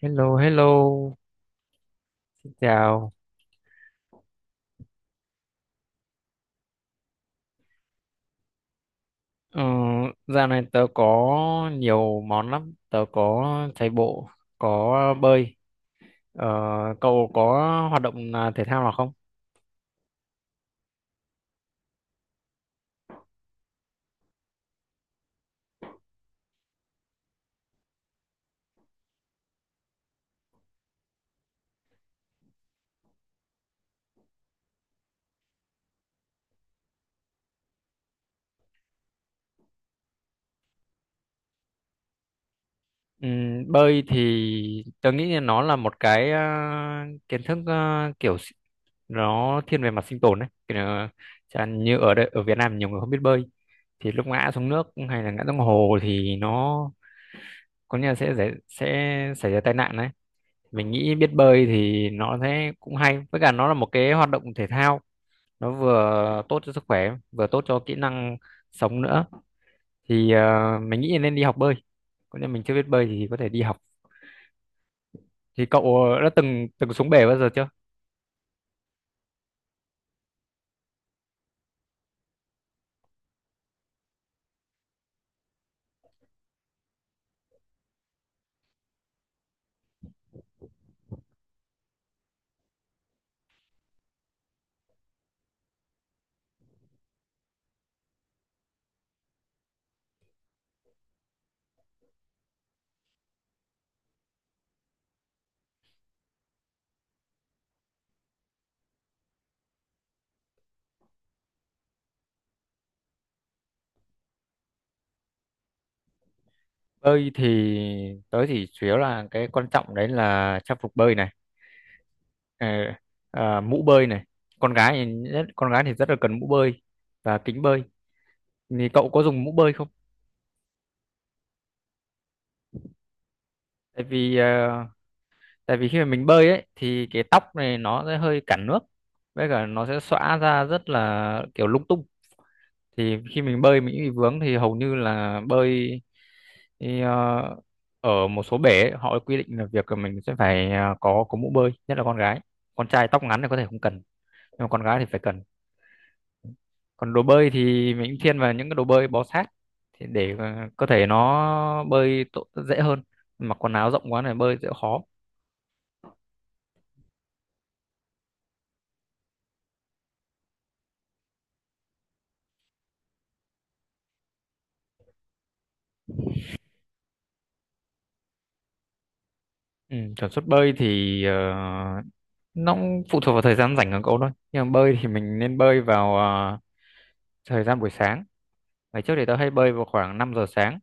Hello, hello, xin chào. Ờ, Dạo này tớ có nhiều món lắm. Tớ có chạy bộ, có bơi. Ờ, Cậu có hoạt động à, thể thao nào không? Bơi thì tớ nghĩ là nó là một cái à, kiến thức à, nó thiên về mặt sinh tồn đấy. Kiểu là, chẳng như ở đây, ở Việt Nam nhiều người không biết bơi thì lúc ngã xuống nước hay là ngã xuống hồ thì nó có nghĩa là sẽ xảy ra tai nạn đấy. Mình nghĩ biết bơi thì nó thế cũng hay, với cả nó là một cái hoạt động thể thao, nó vừa tốt cho sức khỏe vừa tốt cho kỹ năng sống nữa. Thì mình nghĩ nên đi học bơi, còn nếu mình chưa biết bơi thì có thể đi học. Thì cậu đã từng từng xuống bể bao giờ chưa? Bơi thì tớ chỉ chủ yếu là cái quan trọng đấy là trang phục bơi này, ờ, mũ bơi này. Con gái thì nhất, con gái thì rất là cần mũ bơi và kính bơi. Thì cậu có dùng mũ bơi không? Tại vì tại vì khi mà mình bơi ấy thì cái tóc này nó sẽ hơi cản nước, với cả nó sẽ xõa ra rất là kiểu lung tung. Thì khi mình bơi mình bị vướng thì hầu như là bơi thì, ờ, ở một số bể ấy, họ quy định là việc là mình sẽ phải có mũ bơi, nhất là con gái. Con trai tóc ngắn thì có thể không cần, nhưng mà con gái thì phải cần. Còn đồ bơi thì mình thiên vào những cái đồ bơi bó sát, thì để cơ thể nó bơi tốt, dễ hơn. Mặc quần áo rộng quá này bơi sẽ khó. Ừ, tần suất bơi thì nó cũng phụ thuộc vào thời gian rảnh của cậu thôi. Nhưng mà bơi thì mình nên bơi vào thời gian buổi sáng. Ngày trước thì tớ hay bơi vào khoảng 5 giờ sáng.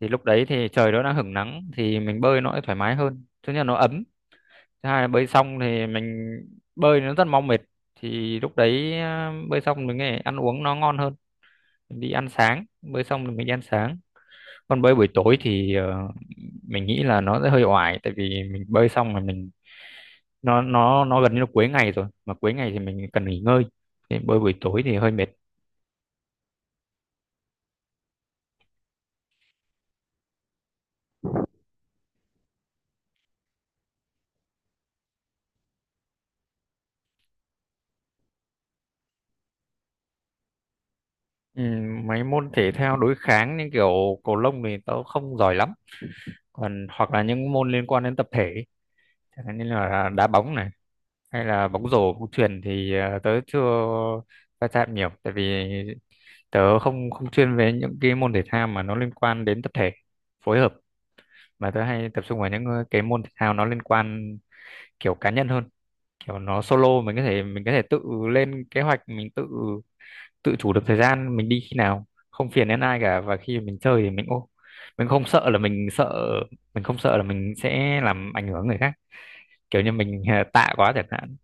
Thì lúc đấy thì trời nó đã hửng nắng thì mình bơi nó sẽ thoải mái hơn. Thứ nhất là nó ấm. Thứ hai là bơi xong thì mình bơi nó rất mau mệt. Thì lúc đấy bơi xong mình nghe ăn uống nó ngon hơn. Mình đi ăn sáng, bơi xong thì mình đi ăn sáng. Còn bơi buổi tối thì mình nghĩ là nó sẽ hơi oải, tại vì mình bơi xong mà mình nó gần như là cuối ngày rồi, mà cuối ngày thì mình cần nghỉ ngơi, thì bơi buổi tối thì hơi mệt. Mấy môn thể thao đối kháng như kiểu cầu lông thì tớ không giỏi lắm, còn hoặc là những môn liên quan đến tập thể ấy, chẳng hạn như là đá bóng này, hay là bóng rổ, bóng chuyền, thì tớ chưa va chạm nhiều, tại vì tớ không không chuyên về những cái môn thể thao mà nó liên quan đến tập thể, phối hợp. Mà tớ hay tập trung vào những cái môn thể thao nó liên quan kiểu cá nhân hơn, kiểu nó solo, mình có thể tự lên kế hoạch, mình tự tự chủ được thời gian mình đi khi nào, không phiền đến ai cả. Và khi mình chơi thì mình ô mình không sợ là mình sợ mình không sợ là mình sẽ làm ảnh hưởng người khác, kiểu như mình tạ quá chẳng hạn.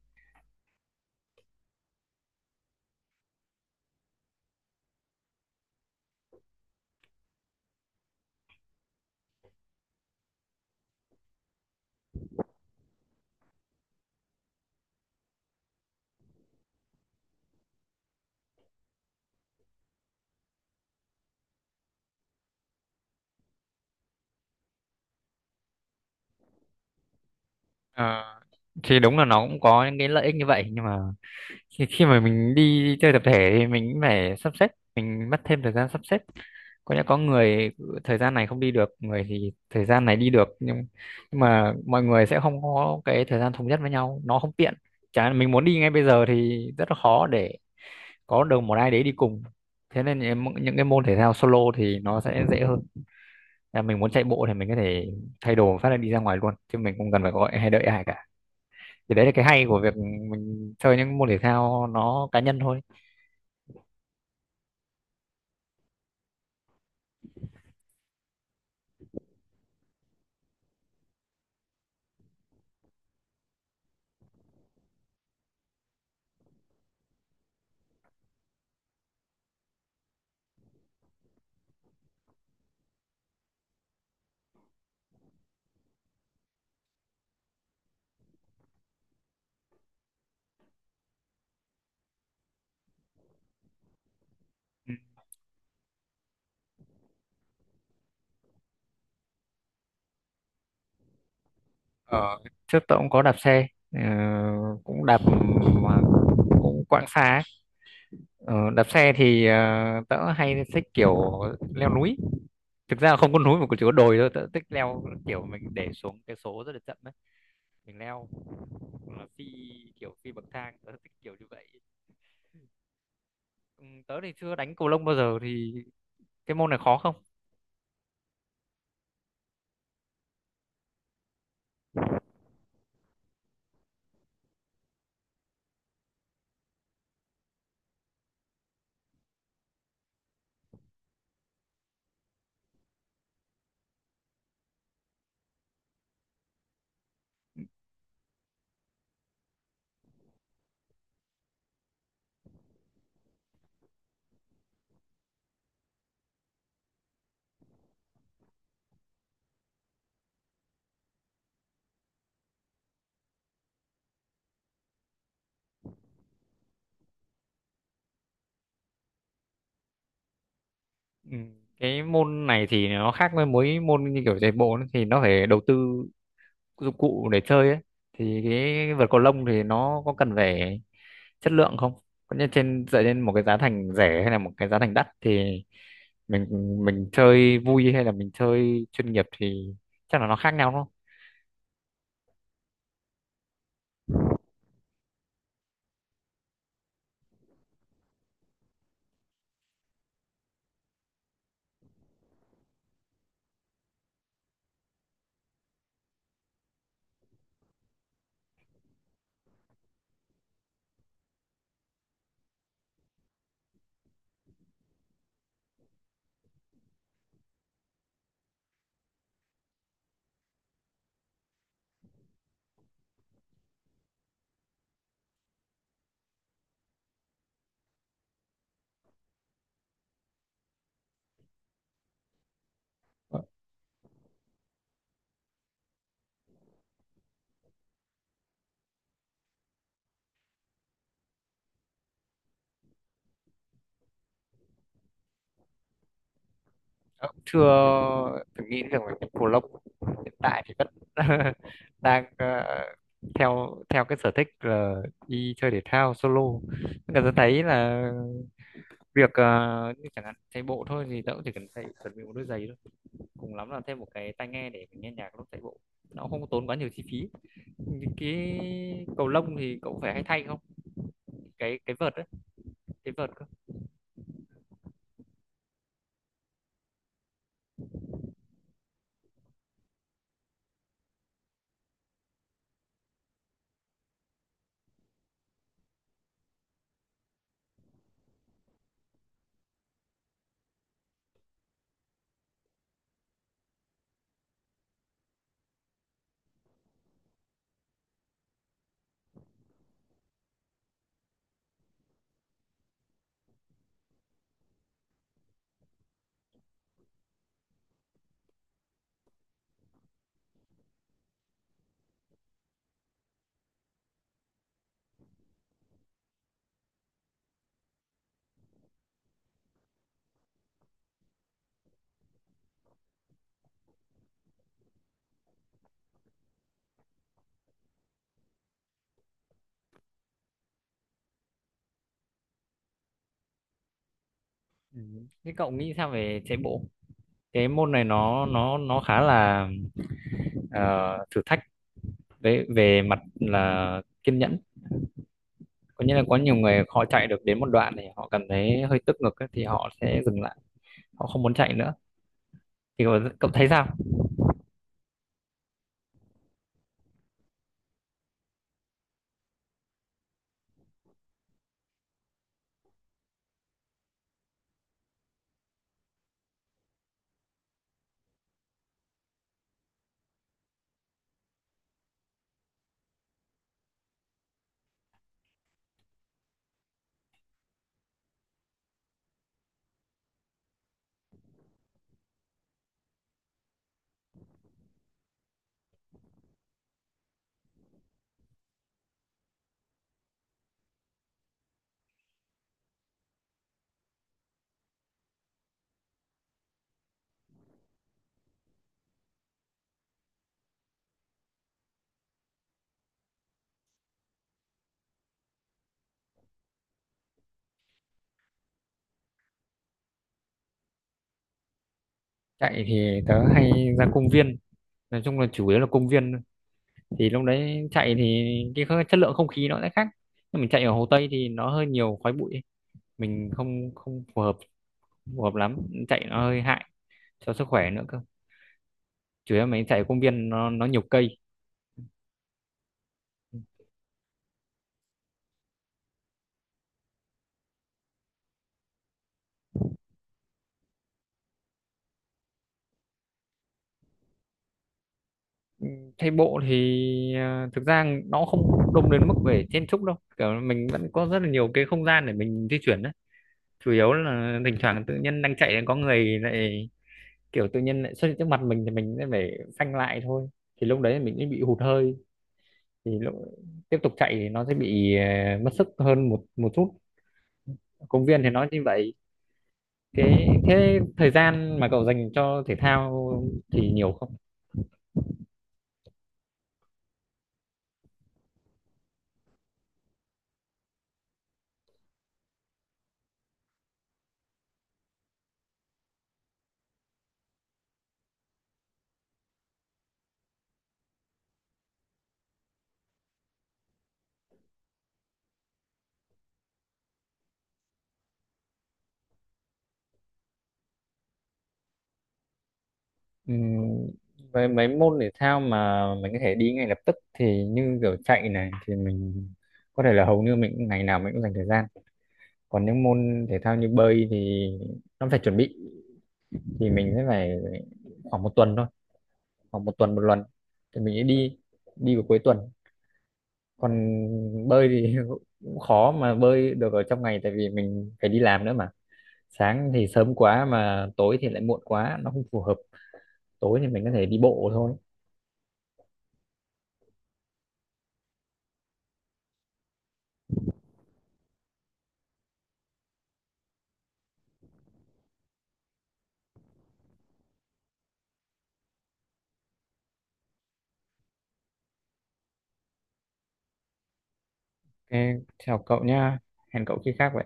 Ờ, thì đúng là nó cũng có những cái lợi ích như vậy, nhưng mà khi khi mà mình đi chơi tập thể thì mình cũng phải sắp xếp, mình mất thêm thời gian sắp xếp. Có lẽ có người thời gian này không đi được, người thì thời gian này đi được, nhưng mà mọi người sẽ không có cái thời gian thống nhất với nhau, nó không tiện. Chả mình muốn đi ngay bây giờ thì rất là khó để có được một ai đấy đi cùng. Thế nên những cái môn thể thao solo thì nó sẽ dễ hơn, là mình muốn chạy bộ thì mình có thể thay đồ phát là đi ra ngoài luôn, chứ mình không cần phải gọi hay đợi ai cả. Thì đấy là cái hay của việc mình chơi những môn thể thao nó cá nhân thôi. Trước tôi cũng có đạp xe, cũng đạp mà cũng quãng xa ấy. Ờ, Đạp xe thì tớ hay thích kiểu leo núi. Thực ra là không có núi mà chỉ có đồi thôi, tớ thích leo kiểu mình để xuống cái số rất là chậm đấy, mình leo, hoặc là phi, kiểu phi bậc thang, tớ thích kiểu như vậy. Ừ, tớ thì chưa đánh cầu lông bao giờ, thì cái môn này khó không? Ừ. Cái môn này thì nó khác với mỗi môn như kiểu chạy bộ ấy, thì nó phải đầu tư dụng cụ để chơi ấy. Thì cái vợt cầu lông thì nó có cần phải chất lượng không? Có như trên dựa trên một cái giá thành rẻ hay là một cái giá thành đắt thì mình mình chơi vui hay là mình chơi chuyên nghiệp thì chắc là nó khác nhau đúng không? Tớ cũng chưa từng nghĩ rằng là cái cầu lông hiện tại thì vẫn đang theo theo cái sở thích là đi chơi thể thao solo. Nhưng mà tôi thấy là việc như chẳng hạn chạy bộ thôi thì tớ cũng chỉ cần thay, chuẩn bị một đôi giày thôi, cùng lắm là thêm một cái tai nghe để mình nghe nhạc lúc chạy bộ, nó không có tốn quá nhiều chi phí. Cái cầu lông thì cậu phải hay thay không, cái cái vợt ấy, cái vợt cơ? Ừ. Thế cậu nghĩ sao về chạy bộ? Cái môn này nó khá là ờ, thử thách về về mặt là kiên nhẫn. Có nghĩa là có nhiều người họ chạy được đến một đoạn thì họ cảm thấy hơi tức ngực ấy, thì họ sẽ dừng lại, họ không muốn chạy nữa. Thì cậu thấy sao? Chạy thì tớ hay ra công viên, nói chung là chủ yếu là công viên thôi. Thì lúc đấy chạy thì chất lượng không khí nó sẽ khác, nhưng mình chạy ở Hồ Tây thì nó hơi nhiều khói bụi, mình không không phù hợp, phù hợp lắm, chạy nó hơi hại cho sức khỏe nữa cơ. Chủ yếu mình chạy công viên nó nhiều cây. Chạy bộ thì thực ra nó không đông đến mức về chen chúc đâu, kiểu mình vẫn có rất là nhiều cái không gian để mình di chuyển đấy. Chủ yếu là thỉnh thoảng tự nhiên đang chạy có người lại, kiểu tự nhiên lại xuất hiện trước mặt mình thì mình sẽ phải phanh lại thôi. Thì lúc đấy mình sẽ bị hụt hơi, thì lúc tiếp tục chạy thì nó sẽ bị mất sức hơn một một chút. Công viên thì nó như vậy. Cái thế thời gian mà cậu dành cho thể thao thì nhiều không? Ừm, với mấy môn thể thao mà mình có thể đi ngay lập tức thì như kiểu chạy này thì mình có thể là hầu như ngày nào mình cũng dành thời gian. Còn những môn thể thao như bơi thì nó phải chuẩn bị, thì mình sẽ phải khoảng một tuần thôi, khoảng một tuần một lần thì mình sẽ đi, đi vào cuối tuần. Còn bơi thì cũng khó mà bơi được ở trong ngày, tại vì mình phải đi làm nữa mà, sáng thì sớm quá mà tối thì lại muộn quá, nó không phù hợp. Tối thì mình có thể đi bộ thôi. Ok, chào cậu nha. Hẹn cậu khi khác vậy.